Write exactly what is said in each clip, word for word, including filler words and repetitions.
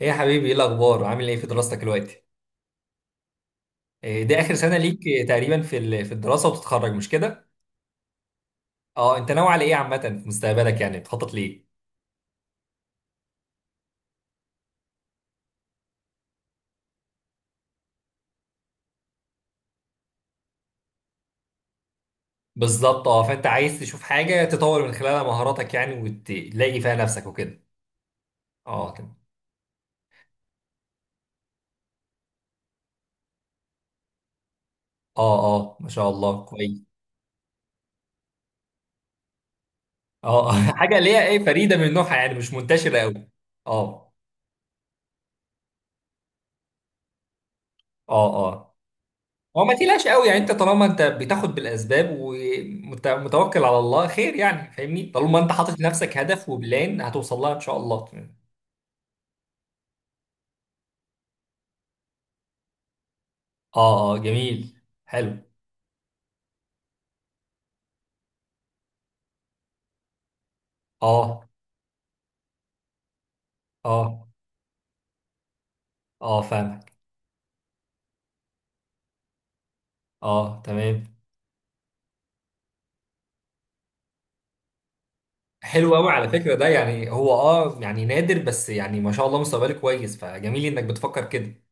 ايه يا حبيبي، ايه الاخبار؟ عامل ايه في دراستك دلوقتي؟ إيه دي اخر سنه ليك إيه، تقريبا في ال- في الدراسه وبتتخرج، مش كده؟ اه، انت ناوي على ايه عامه في مستقبلك؟ يعني بتخطط ليه؟ بالظبط، اه. فانت عايز تشوف حاجه تطور من خلالها مهاراتك يعني، وتلاقي فيها نفسك وكده. اه تمام. اه اه ما شاء الله، كويس. اه حاجه اللي هي ايه، فريده من نوعها يعني، مش منتشره قوي. اه اه اه هو ما تقلقش قوي يعني. انت طالما انت بتاخد بالاسباب ومتوكل على الله، خير يعني. فاهمني؟ طالما انت حاطط لنفسك هدف وبلان، هتوصل لها ان شاء الله. اه اه جميل، حلو. اه اه اه فاهمك. اه تمام. حلو قوي على فكرة ده. يعني هو اه، يعني نادر، بس يعني ما شاء الله مستقبلك كويس، فجميل انك بتفكر كده.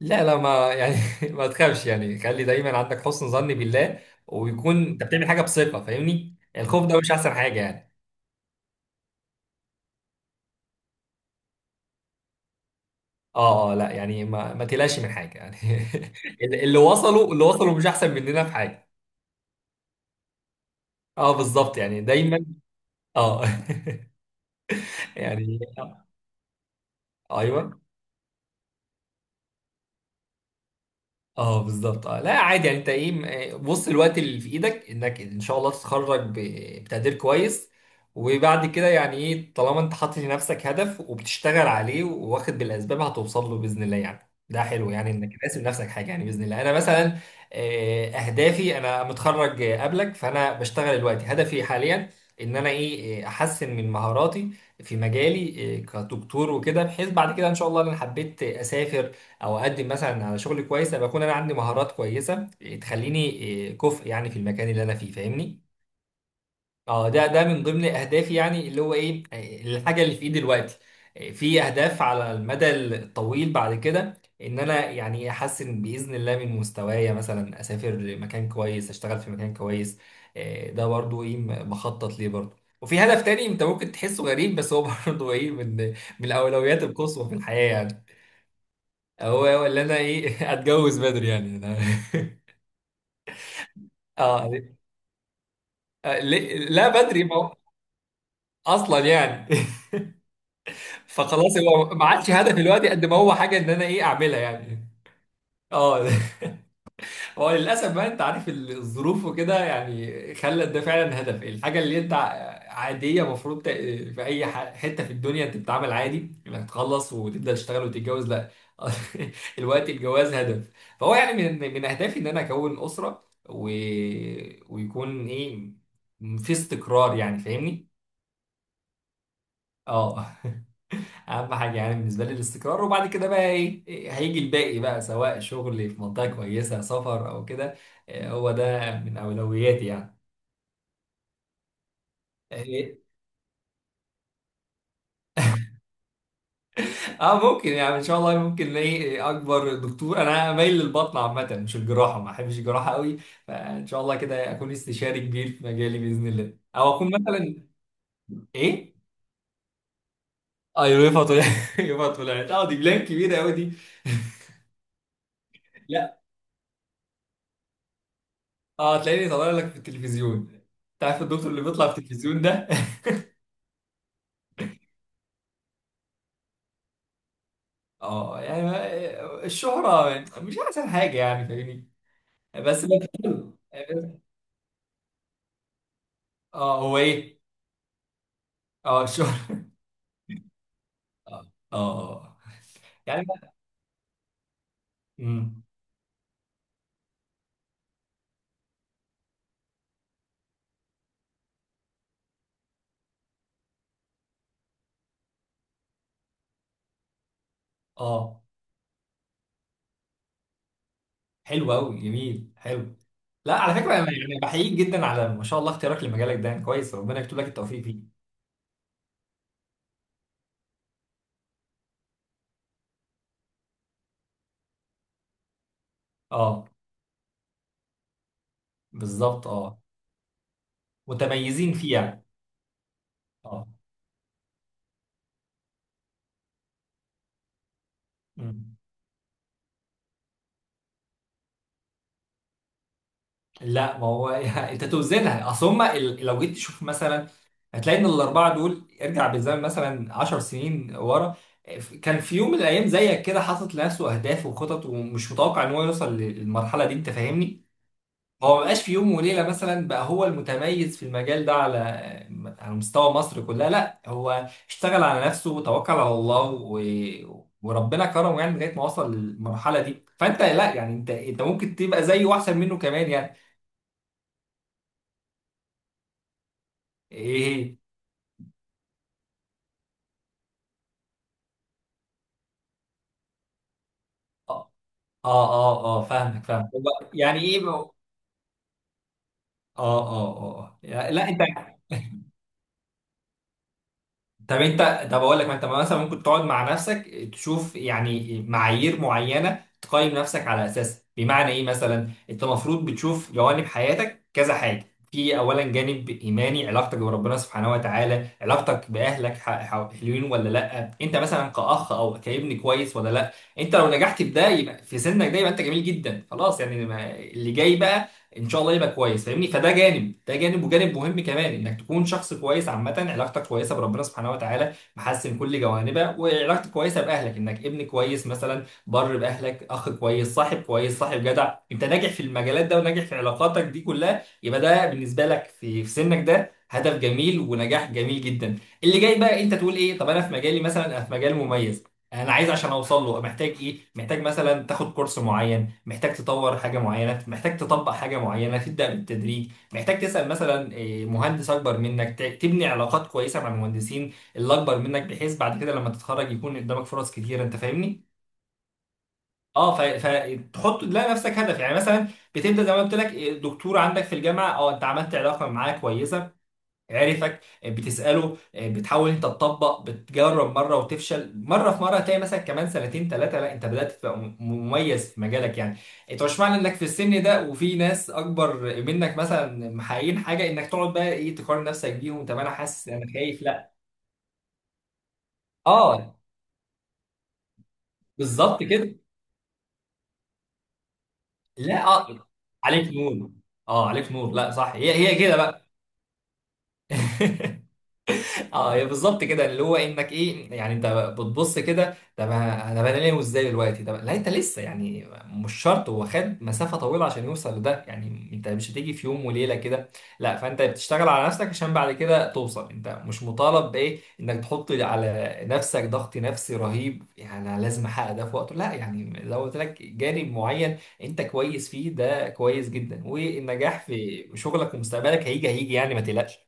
لا لا، ما يعني ما تخافش يعني، خلي دايما عندك حسن ظن بالله. ويكون انت بتعمل حاجة بثقة، فاهمني؟ يعني الخوف ده مش احسن حاجة يعني. اه اه لا يعني، ما ما تقلقش من حاجه يعني. اللي وصلوا، اللي وصلوا مش احسن مننا في حاجه. اه بالظبط، يعني دايما. اه يعني آه، ايوه. اه بالظبط. اه لا عادي يعني. انت ايه م- آه، بص، الوقت اللي في ايدك انك ان شاء الله تتخرج ب- بتقدير كويس. وبعد كده يعني ايه، طالما انت حاطط لنفسك هدف وبتشتغل عليه واخد بالاسباب، هتوصل له باذن الله. يعني ده حلو، يعني انك راسم نفسك حاجه، يعني باذن الله. انا مثلا آه، اهدافي انا متخرج آه، قبلك، فانا بشتغل دلوقتي. هدفي حاليا ان انا ايه آه، احسن من مهاراتي في مجالي آه، كدكتور وكده، بحيث بعد كده ان شاء الله، انا حبيت اسافر او اقدم مثلا على شغل كويس، ابقى اكون انا عندي مهارات كويسه إيه، تخليني إيه، كفء يعني في المكان اللي انا فيه. فاهمني؟ اه، ده ده من ضمن اهدافي، يعني اللي هو ايه إيه، الحاجه اللي في ايدي دلوقتي. إيه، في اهداف على المدى الطويل بعد كده، ان انا يعني احسن باذن الله من مستوايا، مثلا اسافر لمكان كويس، اشتغل في مكان كويس. إيه، ده برضو ايه م- بخطط ليه برضو. وفي هدف تاني انت ممكن تحسه غريب، بس هو برضو ايه من من الاولويات القصوى في الحياه يعني. هو هو اللي انا ايه اتجوز بدري، يعني انا اه. ليه- لا بدري، ما هو- اصلا يعني فخلاص، هو ما عادش هدفي دلوقتي قد ما هو حاجه ان انا ايه اعملها يعني. اه هو للاسف بقى، انت عارف الظروف وكده يعني، خلت ده فعلا هدف. الحاجه اللي انت عاديه المفروض في اي ح- حته في الدنيا انت بتتعامل عادي، انك تخلص وتبدا تشتغل وتتجوز، لا الوقت الجواز هدف. فهو يعني من من اهدافي ان انا اكون اسره و... ويكون ايه في استقرار، يعني فاهمني. اه، اهم حاجه يعني بالنسبه لي الاستقرار، وبعد كده بقى ايه، إيه هيجي الباقي بقى، سواء شغل في منطقه كويسه، سفر او كده. إيه هو ده من اولوياتي يعني. إيه، اه ممكن يعني، ان شاء الله ممكن الاقي. اكبر دكتور، انا مايل للبطن عامه، مش الجراحه، ما احبش الجراحه قوي. فان شاء الله كده اكون استشاري كبير في مجالي باذن الله، او اكون مثلا ايه. ايوه طلعت يوفا طلعت. اه دي بلان كبيره قوي دي. لا اه، هتلاقيني طالع لك في التلفزيون. تعرف الدكتور اللي بيطلع في التلفزيون ده؟ اه يعني ما- الشهرة مش احسن حاجة، يعني فاهمني؟ بس لكن حلو. اه هو ايه؟ اه الشهرة. اه اه يعني امم. اه حلو قوي، جميل، حلو. لا على فكرة انا يعني بحييك جدا على ما شاء الله اختيارك لمجالك ده، يعني كويس. ربنا يكتب لك التوفيق فيه. اه بالظبط. اه متميزين فيه يعني. اه مم. لا ما هو يعني انت توزنها. اصل هم ال- لو جيت تشوف مثلا، هتلاقي ان الاربعه دول ارجع بالزمن مثلا عشر سنين ورا، كان في يوم من الايام زيك كده حاطط لنفسه اهداف وخطط، ومش متوقع ان هو يوصل للمرحله دي. انت فاهمني؟ هو ما بقاش في يوم وليله مثلا بقى هو المتميز في المجال ده على على مستوى مصر كلها. لا، هو اشتغل على نفسه وتوكل على الله و... وربنا كرمه يعني، لغايه ما وصل للمرحله دي. فانت لا يعني، انت انت ممكن تبقى زيه واحسن منه كمان يعني. ايه اه اه اه آه، فاهمك فاهمك. هو يعني ايه بقى؟ اه اه اه يعني لا انت. طب انت، طب اقول لك. ما انت مثلا ممكن تقعد مع نفسك، تشوف يعني معايير معينه تقيم نفسك على اساسها. بمعنى ايه مثلا، انت المفروض بتشوف جوانب حياتك كذا حاجه. في اولا جانب ايماني، علاقتك بربنا سبحانه وتعالى، علاقتك باهلك ح- ح- حلوين ولا لا. انت مثلا كاخ او كابن كويس ولا لا. انت لو نجحت في ده يبقى في سنك ده، يبقى انت جميل جدا خلاص يعني. ما- اللي جاي بقى ان شاء الله يبقى كويس، فاهمني؟ فده جانب. ده جانب، وجانب مهم كمان انك تكون شخص كويس عامه، علاقتك كويسه بربنا سبحانه وتعالى، محسن كل جوانبها، وعلاقتك كويسه باهلك، انك ابن كويس مثلا، بر باهلك، اخ كويس، صاحب كويس، صاحب جدع. انت ناجح في المجالات ده وناجح في علاقاتك دي كلها، يبقى ده بالنسبه لك في في سنك ده هدف جميل ونجاح جميل جدا. اللي جاي بقى انت تقول ايه، طب انا في مجالي مثلا، انا في مجال مميز، انا عايز عشان اوصل له محتاج ايه؟ محتاج مثلا تاخد كورس معين، محتاج تطور حاجة معينة، محتاج تطبق حاجة معينة تبدأ بالتدريج، محتاج تسأل مثلا إيه، مهندس أكبر منك، ت- تبني علاقات كويسة مع المهندسين اللي أكبر منك، بحيث بعد كده لما تتخرج يكون قدامك فرص كتيرة. أنت فاهمني؟ اه ف- فتحط لا نفسك هدف، يعني مثلا بتبدا زي ما قلت لك إيه، دكتور عندك في الجامعه. اه انت عملت علاقه معاه كويسه، عرفك آه، بتسأله آه، بتحاول انت تطبق، بتجرب مرة وتفشل مرة، في مرة تلاقي مثلا كمان سنتين ثلاثة لا انت بدأت تبقى م- مميز في مجالك يعني. انت مش معنى انك في السن ده وفي ناس اكبر منك مثلا محققين حاجة، انك تقعد بقى ايه، تقارن نفسك بيهم. طب انا حاسس انا خايف، لا. اه بالظبط كده. لا اه عليك نور. اه عليك نور، لا صح هي هي كده بقى. اه هي بالظبط كده، اللي هو انك ايه يعني. انت بتبص كده، طب انا بنام ازاي دلوقتي؟ طب لا، انت لسه يعني مش شرط. هو خد مسافه طويله عشان يوصل لده، يعني انت مش هتيجي في يوم وليله كده لا. فانت بتشتغل على نفسك عشان بعد كده توصل. انت مش مطالب بايه، انك تحط على نفسك ضغط نفسي رهيب يعني، أنا لازم احقق ده في وقته، لا يعني. لو قلت لك جانب معين انت كويس فيه، ده كويس جدا، والنجاح في شغلك ومستقبلك هيجي هيجي يعني، ما تقلقش.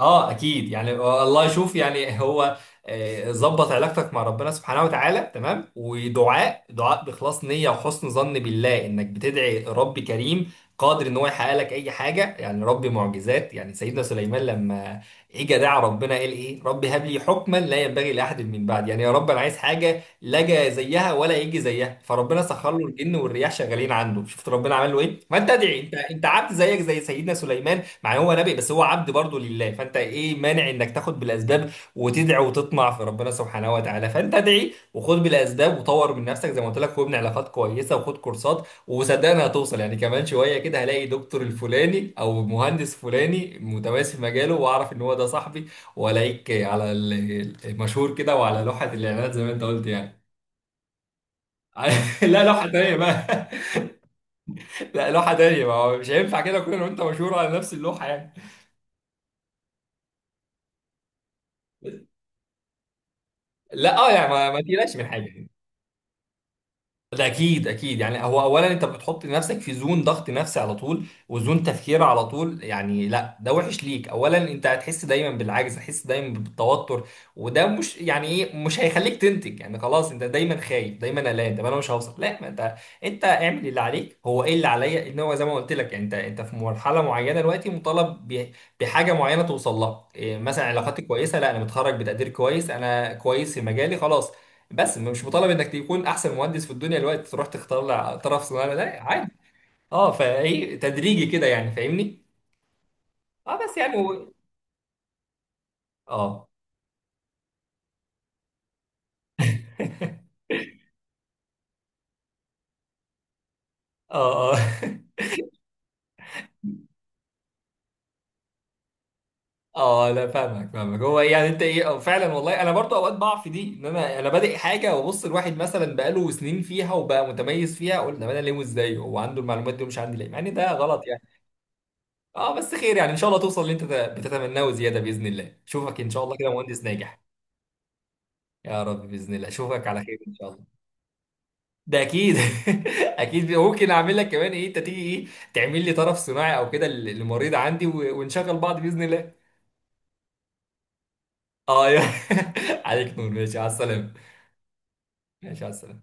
اه اكيد يعني آه، الله يشوف يعني هو آه، ظبط علاقتك مع ربنا سبحانه وتعالى تمام، ودعاء دعاء بإخلاص نية وحسن ظن بالله، انك بتدعي رب كريم قادر ان هو يحقق لك اي حاجة، يعني رب معجزات. يعني سيدنا سليمان لما اجى دعا ربنا، قال ايه؟ رب هب لي حكما لا ينبغي لاحد من بعد، يعني يا رب انا عايز حاجة لا جا زيها ولا يجي زيها. فربنا سخر له الجن والرياح شغالين عنده. شفت ربنا عمل له ايه؟ ما انت ادعي، انت انت عبد زيك زي سيدنا سليمان. مع إن هو نبي بس هو عبد برضه لله. فانت ايه مانع انك تاخد بالاسباب وتدعي وتطمع في ربنا سبحانه وتعالى؟ فانت ادعي وخد بالاسباب وطور من نفسك زي ما قلت لك، وابني علاقات كويسه، وخد كورسات، وصدقني هتوصل يعني. كمان شويه كده هلاقي دكتور الفلاني او مهندس فلاني متميز في مجاله، واعرف ان هو ده صاحبي، والاقيك على ال- المشهور كده وعلى لوحه الاعلانات زي ما انت قلت يعني. لا لوحه تانيه بقى. لا لوحه تانيه، ما هو مش هينفع كده كلنا وانت مشهور على نفس اللوحه يعني. لا اه يعني، ما ما تقلقش من حاجه. ده اكيد اكيد يعني. هو اولا انت بتحط نفسك في زون ضغط نفسي على طول، وزون تفكير على طول يعني، لا ده وحش ليك. اولا انت هتحس دايما بالعجز، هتحس دايما بالتوتر، وده مش يعني ايه، مش هيخليك تنتج يعني. خلاص انت دايما خايف، دايما قلقان، طب انا مش هوصل، لا. ما انت، انت اعمل اللي عليك. هو ايه اللي عليا؟ ان هو زي ما قلت لك يعني، انت انت في مرحله معينه دلوقتي مطالب ب- بحاجه معينه توصل لها إيه، مثلا علاقاتي كويسه، لا انا متخرج بتقدير كويس، انا كويس في مجالي، خلاص. بس مش مطالب انك تكون احسن مهندس في الدنيا الوقت تروح تختار طرف صناعه، لا عادي. اه فايه تدريجي كده يعني، فاهمني. اه بس يعني هو- اه اه اه اه لا فاهمك فاهمك. هو يعني انت ايه آه، فعلا والله انا برضو اوقات بقع في دي، ان انا انا بادئ حاجه، وابص الواحد مثلا بقاله سنين فيها وبقى متميز فيها، اقول طب انا ليه، وازاي هو عنده المعلومات دي ومش عندي ليه، مع ان ده غلط يعني. اه بس خير يعني، ان شاء الله توصل اللي انت بتتمناه وزياده باذن الله. اشوفك ان شاء الله كده مهندس ناجح. يا رب باذن الله اشوفك على خير ان شاء الله. ده اكيد. اكيد ممكن اعمل لك كمان ايه، انت تيجي ايه، تعمل لي طرف صناعي او كده للمريض عندي، و- ونشغل بعض باذن الله. اه يا عليك نور، ماشي على السلامه. ماشي على السلامه.